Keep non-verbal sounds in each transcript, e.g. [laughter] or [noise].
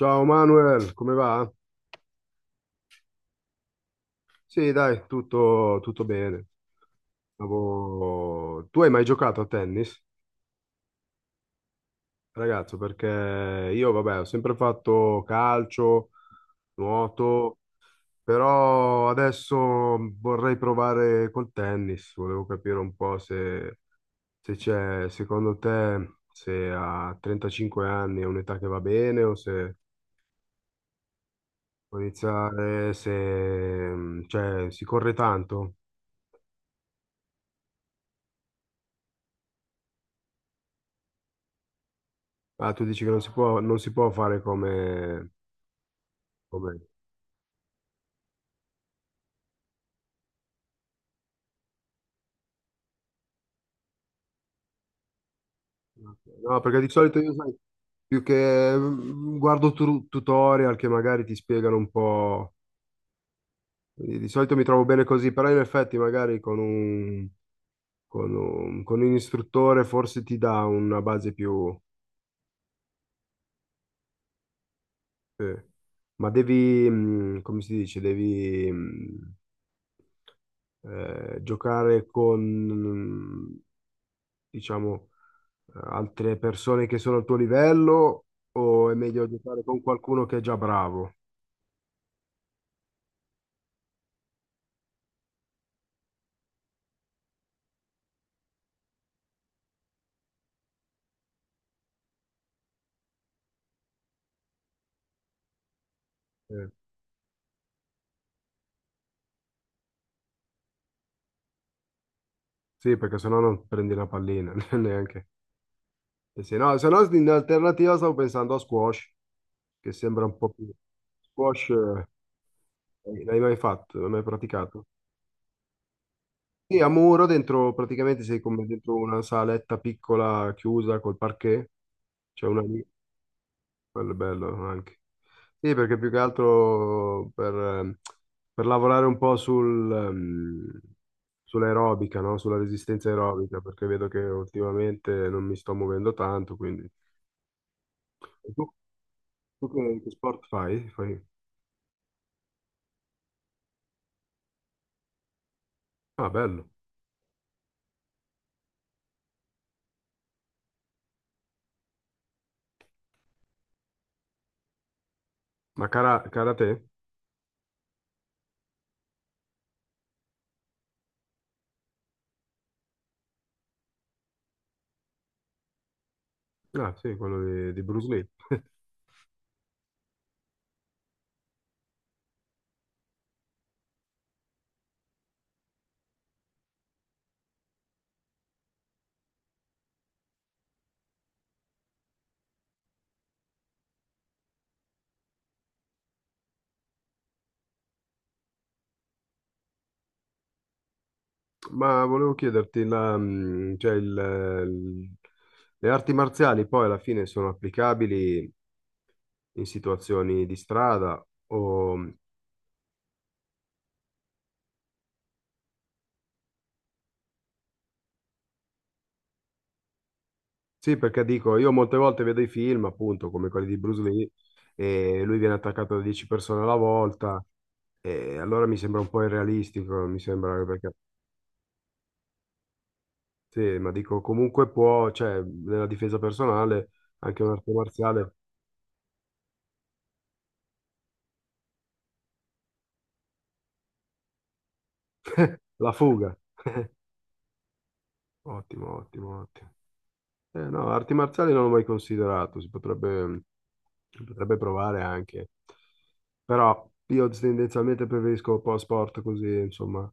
Ciao Manuel, come va? Sì, dai, tutto bene. Tu hai mai giocato a tennis, ragazzo? Perché io, vabbè, ho sempre fatto calcio, nuoto, però adesso vorrei provare col tennis. Volevo capire un po' se c'è, secondo te, se a 35 anni è un'età che va bene o se può iniziare, se, cioè, si corre tanto. Ah, tu dici che non si può fare come. No, perché di solito io sai, più che guardo tutorial che magari ti spiegano un po'. Di solito mi trovo bene così, però in effetti magari con un istruttore forse ti dà una base più. Eh. Ma devi, come si dice, devi giocare con, diciamo altre persone che sono al tuo livello o è meglio giocare con qualcuno che è già bravo? Eh, sì, perché sennò non prendi la pallina [laughs] neanche. E se no, in alternativa stavo pensando a squash, che sembra un po' più. Squash, l'hai mai fatto? L'hai mai praticato? Sì, a muro, dentro, praticamente sei come dentro una saletta piccola chiusa col parquet, c'è una. Quello è bello anche. Sì, perché più che altro per lavorare un po' sul, sull'aerobica, no? Sulla resistenza aerobica, perché vedo che ultimamente non mi sto muovendo tanto, quindi. E tu che sport fai? Ah, bello. Ma karate? Ah, sì, quello di Bruce Lee. [laughs] Ma volevo chiederti, la, cioè il, le arti marziali poi alla fine sono applicabili in situazioni di strada o. Sì, perché dico, io molte volte vedo i film, appunto, come quelli di Bruce Lee, e lui viene attaccato da 10 persone alla volta, e allora mi sembra un po' irrealistico, mi sembra perché, sì, ma dico, comunque può, cioè, nella difesa personale, anche un'arte marziale. [laughs] La fuga. [laughs] Ottimo, ottimo, ottimo. No, arti marziali non l'ho mai considerato, si potrebbe provare anche, però io tendenzialmente preferisco un po' sport così, insomma.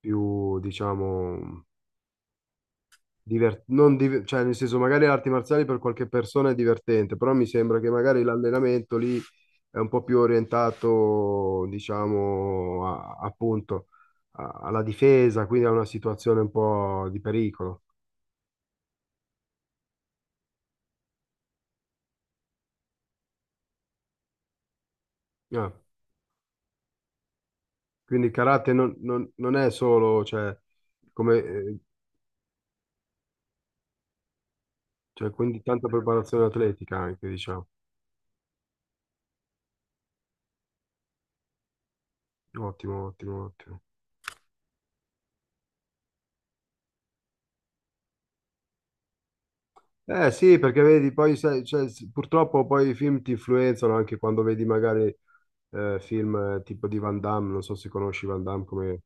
Più, diciamo, diver- non div- cioè nel senso magari le arti marziali per qualche persona è divertente, però mi sembra che magari l'allenamento lì è un po' più orientato, diciamo, appunto alla difesa, quindi a una situazione un po' di pericolo. Ah, quindi il karate non è solo, cioè, come, cioè, quindi tanta preparazione atletica anche, diciamo. Ottimo, ottimo, ottimo. Eh sì, perché vedi, poi sai, cioè, purtroppo poi i film ti influenzano anche quando vedi magari film tipo di Van Damme, non so se conosci Van Damme come,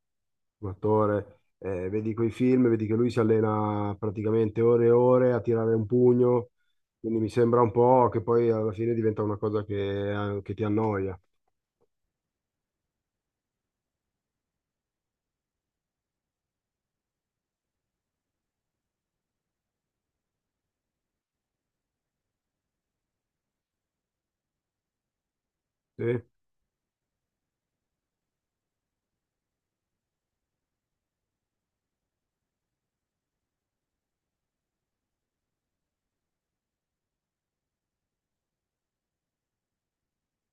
come attore, vedi quei film, vedi che lui si allena praticamente ore e ore a tirare un pugno, quindi mi sembra un po' che poi alla fine diventa una cosa che ti annoia. Sì?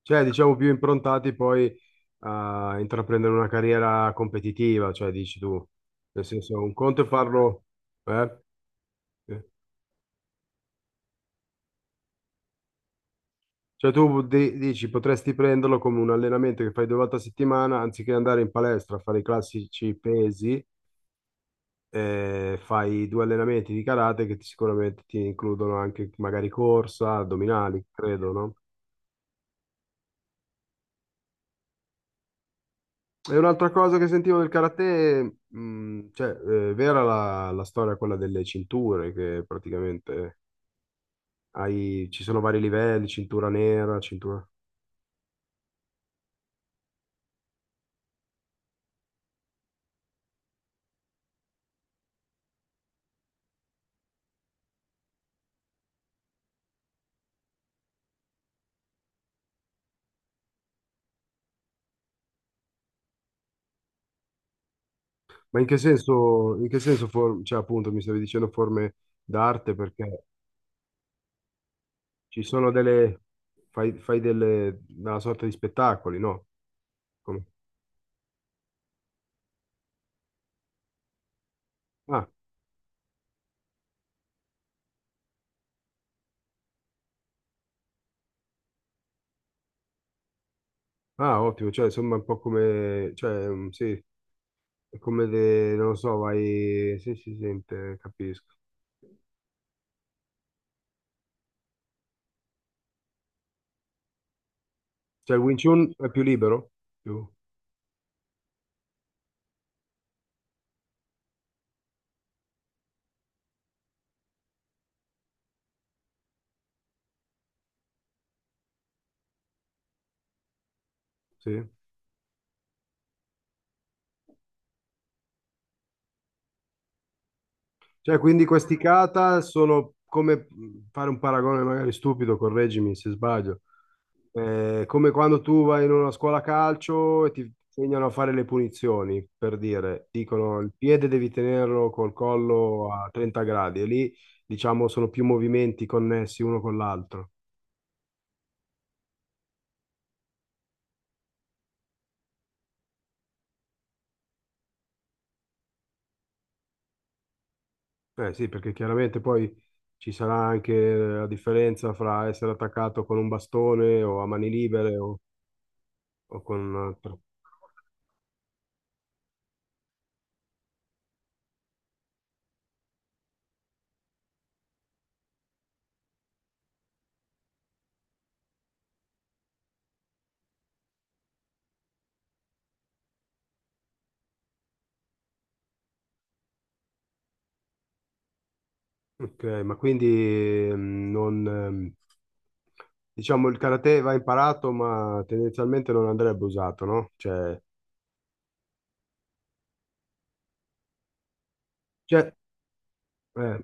Cioè, diciamo più improntati poi a intraprendere una carriera competitiva, cioè dici tu, nel senso un conto è farlo. Eh? Sì. Cioè tu dici potresti prenderlo come un allenamento che fai due volte a settimana, anziché andare in palestra a fare i classici pesi, fai due allenamenti di karate che sicuramente ti includono anche magari corsa, addominali, credo, no? E un'altra cosa che sentivo del karate, cioè, vera la storia quella delle cinture, che praticamente hai, ci sono vari livelli, cintura nera, cintura. Ma in che senso cioè appunto mi stavi dicendo forme d'arte perché. Ci sono delle. Fai delle una sorta di spettacoli, no? Come- Ah, ah, ottimo, cioè insomma un po' come. Cioè, sì, è come de. Non lo so, vai. Sì, si sente, capisco. Cioè il Wing Chun è più libero? Più. Sì. Cioè, quindi questi kata sono come fare un paragone magari stupido, correggimi se sbaglio. Come quando tu vai in una scuola calcio e ti insegnano a fare le punizioni, per dire, dicono il piede devi tenerlo col collo a 30 gradi e lì, diciamo, sono più movimenti connessi uno con l'altro. Eh sì, perché chiaramente poi ci sarà anche la differenza fra essere attaccato con un bastone o a mani libere o con un altro. Ok, ma quindi non, diciamo il karate va imparato, ma tendenzialmente non andrebbe usato, no? Cioè, eh,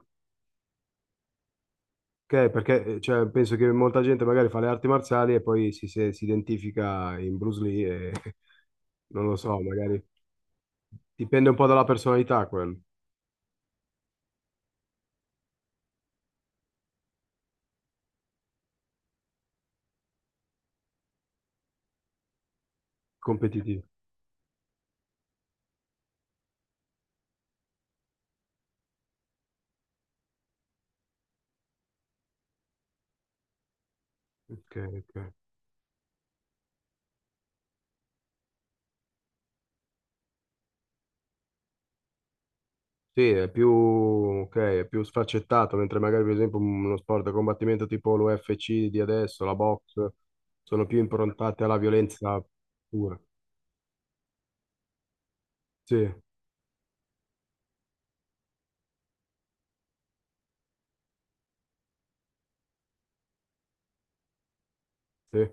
ok, perché cioè, penso che molta gente magari fa le arti marziali e poi si, se- si identifica in Bruce Lee e [laughs] non lo so, magari dipende un po' dalla personalità quel competitivo. Ok, ok. Sì, è più, ok, è più sfaccettato, mentre magari per esempio uno sport da combattimento tipo l'UFC di adesso, la box, sono più improntate alla violenza pura. Sì, sì,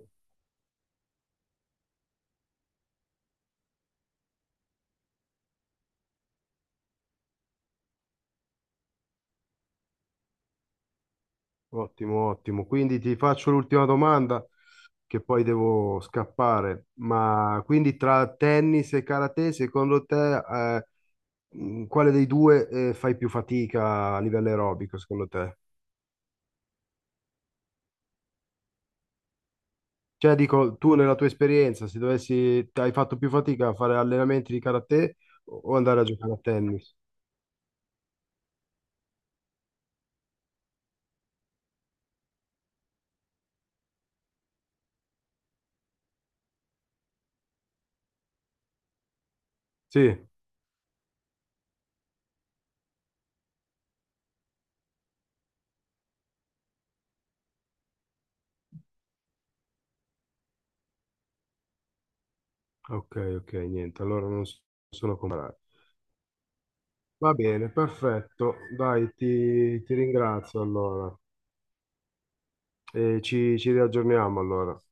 ottimo, ottimo. Quindi ti faccio l'ultima domanda, che poi devo scappare. Ma quindi tra tennis e karate, secondo te, quale dei due, fai più fatica a livello aerobico, secondo te? Cioè, dico, tu nella tua esperienza, se dovessi, hai fatto più fatica a fare allenamenti di karate o andare a giocare a tennis? Sì, ok, ok, niente, allora non sono comparati. Va bene, perfetto, dai, ti ringrazio allora e ci riaggiorniamo allora.